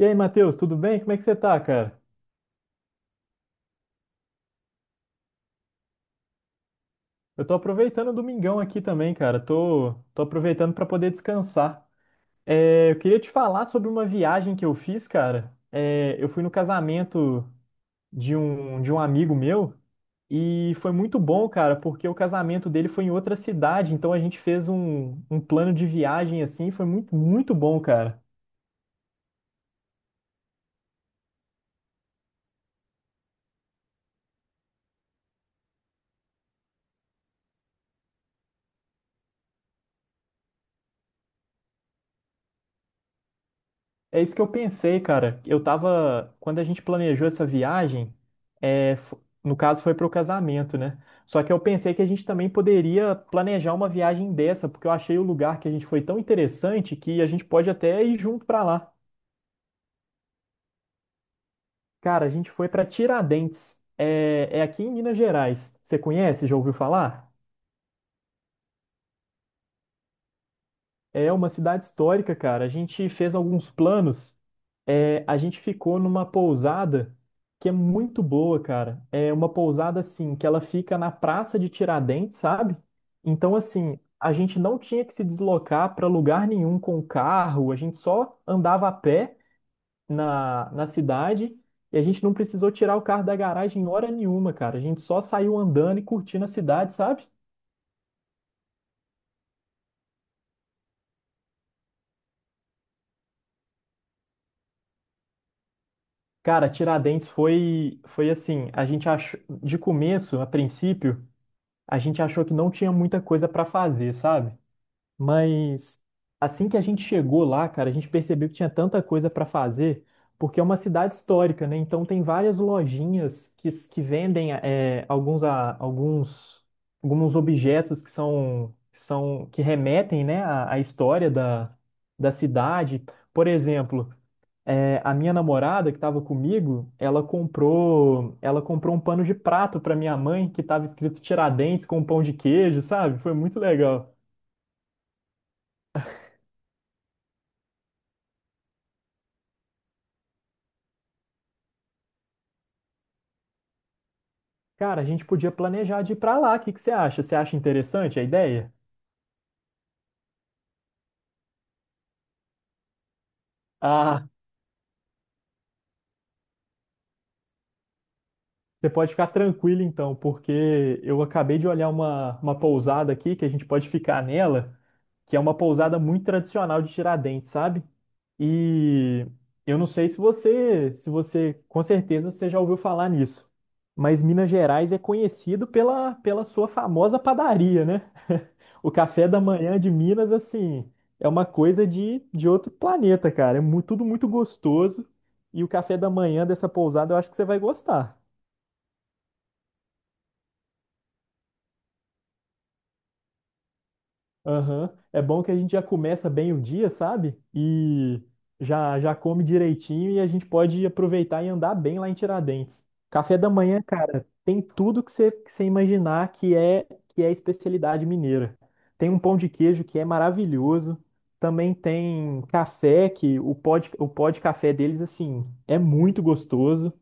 E aí, Matheus, tudo bem? Como é que você tá, cara? Eu tô aproveitando o domingão aqui também, cara. Tô aproveitando pra poder descansar. Eu queria te falar sobre uma viagem que eu fiz, cara. Eu fui no casamento de um amigo meu e foi muito bom, cara, porque o casamento dele foi em outra cidade, então a gente fez um plano de viagem assim, foi muito bom, cara. É isso que eu pensei, cara. Eu tava. Quando a gente planejou essa viagem, no caso foi para o casamento, né? Só que eu pensei que a gente também poderia planejar uma viagem dessa, porque eu achei o lugar que a gente foi tão interessante que a gente pode até ir junto para lá. Cara, a gente foi para Tiradentes. É, é aqui em Minas Gerais. Você conhece? Já ouviu falar? É uma cidade histórica, cara. A gente fez alguns planos. A gente ficou numa pousada que é muito boa, cara. É uma pousada assim, que ela fica na Praça de Tiradentes, sabe? Então, assim, a gente não tinha que se deslocar para lugar nenhum com o carro, a gente só andava a pé na cidade e a gente não precisou tirar o carro da garagem em hora nenhuma, cara. A gente só saiu andando e curtindo a cidade, sabe? Cara, Tiradentes foi assim, a gente achou, de começo, a princípio, a gente achou que não tinha muita coisa pra fazer, sabe? Mas assim que a gente chegou lá, cara, a gente percebeu que tinha tanta coisa pra fazer, porque é uma cidade histórica, né? Então tem várias lojinhas que vendem alguns, alguns, alguns objetos que remetem, né, à história da cidade. Por exemplo, a minha namorada que estava comigo, ela comprou um pano de prato para minha mãe que estava escrito Tiradentes com pão de queijo, sabe? Foi muito legal. Cara, a gente podia planejar de ir para lá. O que que você acha? Você acha interessante a ideia? Ah, você pode ficar tranquilo então, porque eu acabei de olhar uma pousada aqui que a gente pode ficar nela, que é uma pousada muito tradicional de Tiradentes, sabe? E eu não sei se você, se você, com certeza você já ouviu falar nisso, mas Minas Gerais é conhecido pela sua famosa padaria, né? O café da manhã de Minas, assim, é uma coisa de outro planeta, cara. Tudo muito gostoso e o café da manhã dessa pousada eu acho que você vai gostar. Aham. É bom que a gente já começa bem o dia, sabe? E já já come direitinho e a gente pode aproveitar e andar bem lá em Tiradentes. Café da manhã, cara, tem tudo que você imaginar que é especialidade mineira. Tem um pão de queijo que é maravilhoso. Também tem café que o pó de café deles assim é muito gostoso.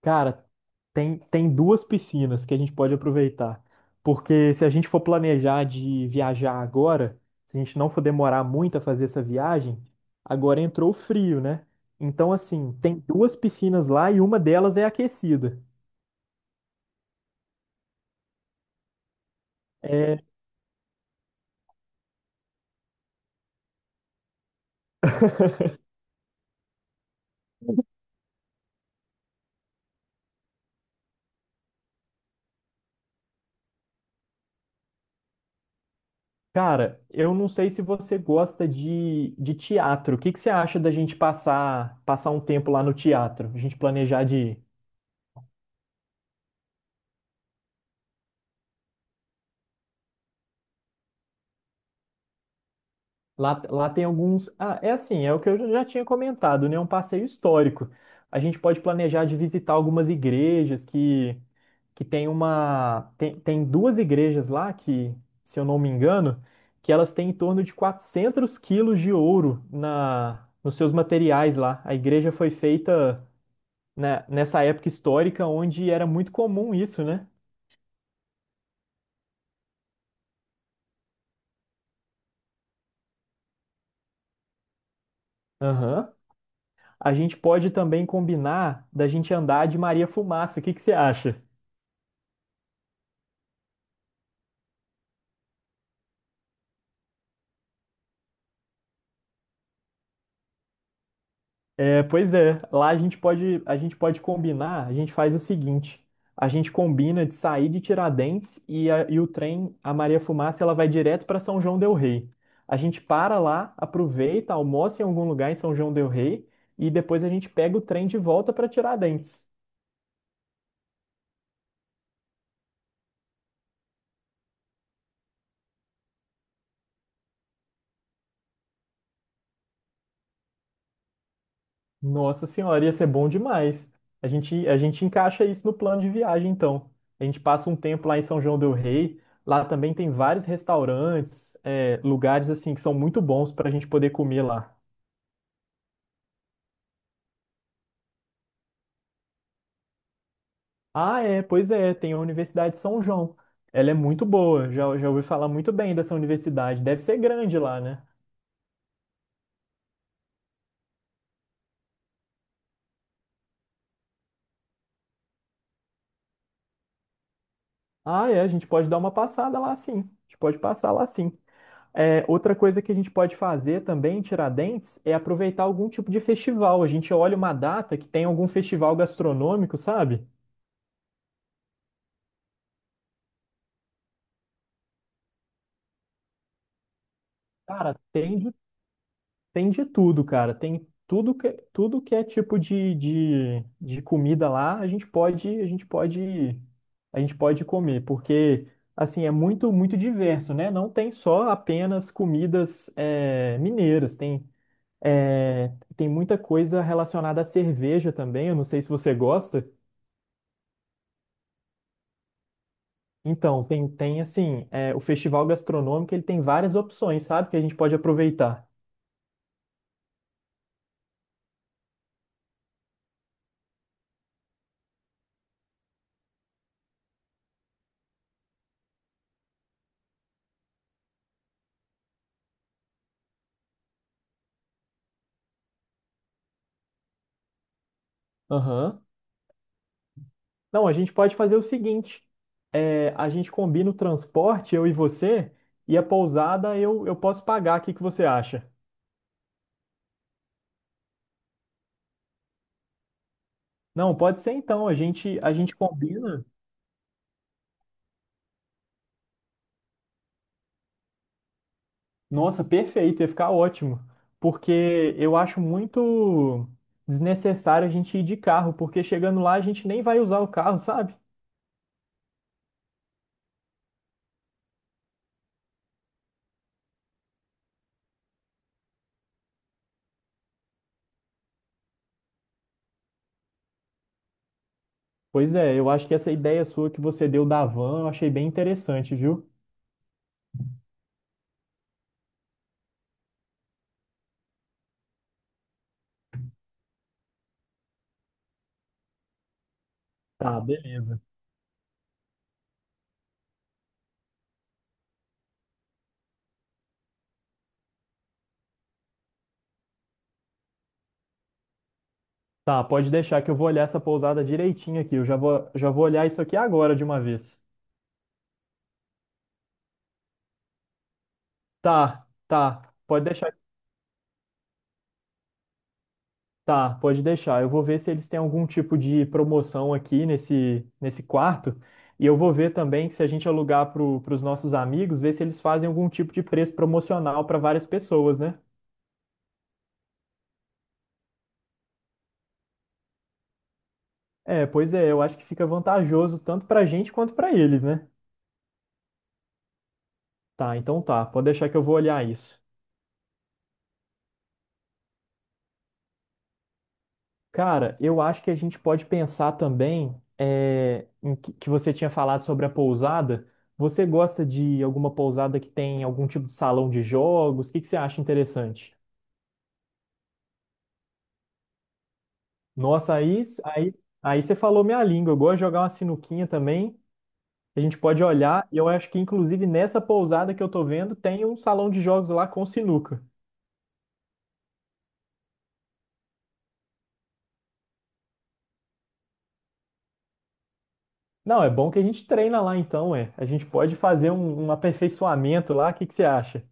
Cara, tem duas piscinas que a gente pode aproveitar. Porque se a gente for planejar de viajar agora, se a gente não for demorar muito a fazer essa viagem, agora entrou o frio, né? Então, assim, tem duas piscinas lá e uma delas é aquecida. É, cara, eu não sei se você gosta de teatro. O que que você acha da gente passar um tempo lá no teatro? A gente planejar de lá, lá tem alguns. Ah, é assim, é o que eu já tinha comentado, né? Um passeio histórico. A gente pode planejar de visitar algumas igrejas que tem uma. Tem duas igrejas lá que, se eu não me engano, que elas têm em torno de 400 quilos de ouro nos seus materiais lá. A igreja foi feita, né, nessa época histórica onde era muito comum isso, né? Aham. A gente pode também combinar da gente andar de Maria Fumaça. O que que você acha? É, pois é, lá a gente pode combinar, a gente faz o seguinte, a gente combina de sair de Tiradentes e o trem, a Maria Fumaça, ela vai direto para São João del Rei. A gente para lá, aproveita, almoça em algum lugar em São João del Rei e depois a gente pega o trem de volta para Tiradentes. Nossa senhora, ia ser bom demais. A gente encaixa isso no plano de viagem, então. A gente passa um tempo lá em São João del Rei. Lá também tem vários restaurantes, lugares assim que são muito bons para a gente poder comer lá. Ah, é, pois é, tem a Universidade de São João. Ela é muito boa, já ouvi falar muito bem dessa universidade. Deve ser grande lá, né? Ah, é, a gente pode dar uma passada lá sim. A gente pode passar lá sim. É, outra coisa que a gente pode fazer também em Tiradentes é aproveitar algum tipo de festival. A gente olha uma data que tem algum festival gastronômico, sabe? Cara, tem de, tem de tudo, cara. Tem tudo tudo que é tipo de comida lá, a gente pode comer, porque assim é muito diverso, né? Não tem só apenas comidas mineiras, é, tem muita coisa relacionada à cerveja também. Eu não sei se você gosta. Então, tem assim, é, o festival gastronômico, ele tem várias opções, sabe? Que a gente pode aproveitar. Aham. Não, a gente pode fazer o seguinte, a gente combina o transporte, eu e você, e a pousada eu posso pagar, o que que você acha? Não, pode ser então, a gente combina. Nossa, perfeito, ia ficar ótimo. Porque eu acho muito desnecessário a gente ir de carro, porque chegando lá a gente nem vai usar o carro, sabe? Pois é, eu acho que essa ideia sua que você deu da van, eu achei bem interessante, viu? Tá, beleza. Tá, pode deixar que eu vou olhar essa pousada direitinho aqui. Já vou olhar isso aqui agora de uma vez. Tá, tá. Pode deixar. Tá, pode deixar. Eu vou ver se eles têm algum tipo de promoção aqui nesse quarto. E eu vou ver também se a gente alugar para os nossos amigos, ver se eles fazem algum tipo de preço promocional para várias pessoas, né? É, pois é, eu acho que fica vantajoso tanto para a gente quanto para eles, né? Tá, então tá. Pode deixar que eu vou olhar isso. Cara, eu acho que a gente pode pensar também que você tinha falado sobre a pousada. Você gosta de alguma pousada que tem algum tipo de salão de jogos? O que, que você acha interessante? Nossa, aí, aí, aí você falou minha língua. Eu gosto de jogar uma sinuquinha também. A gente pode olhar. E eu acho que, inclusive, nessa pousada que eu tô vendo, tem um salão de jogos lá com sinuca. Não, é bom que a gente treina lá então, é. A gente pode fazer um aperfeiçoamento lá. O que, que você acha?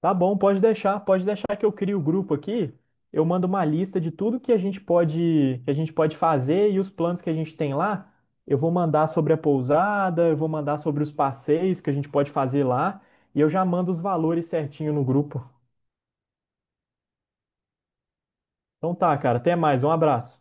Tá bom, pode deixar que eu crio o grupo aqui. Eu mando uma lista de tudo que a gente pode fazer e os planos que a gente tem lá. Eu vou mandar sobre a pousada, eu vou mandar sobre os passeios que a gente pode fazer lá e eu já mando os valores certinho no grupo. Então tá, cara, até mais, um abraço.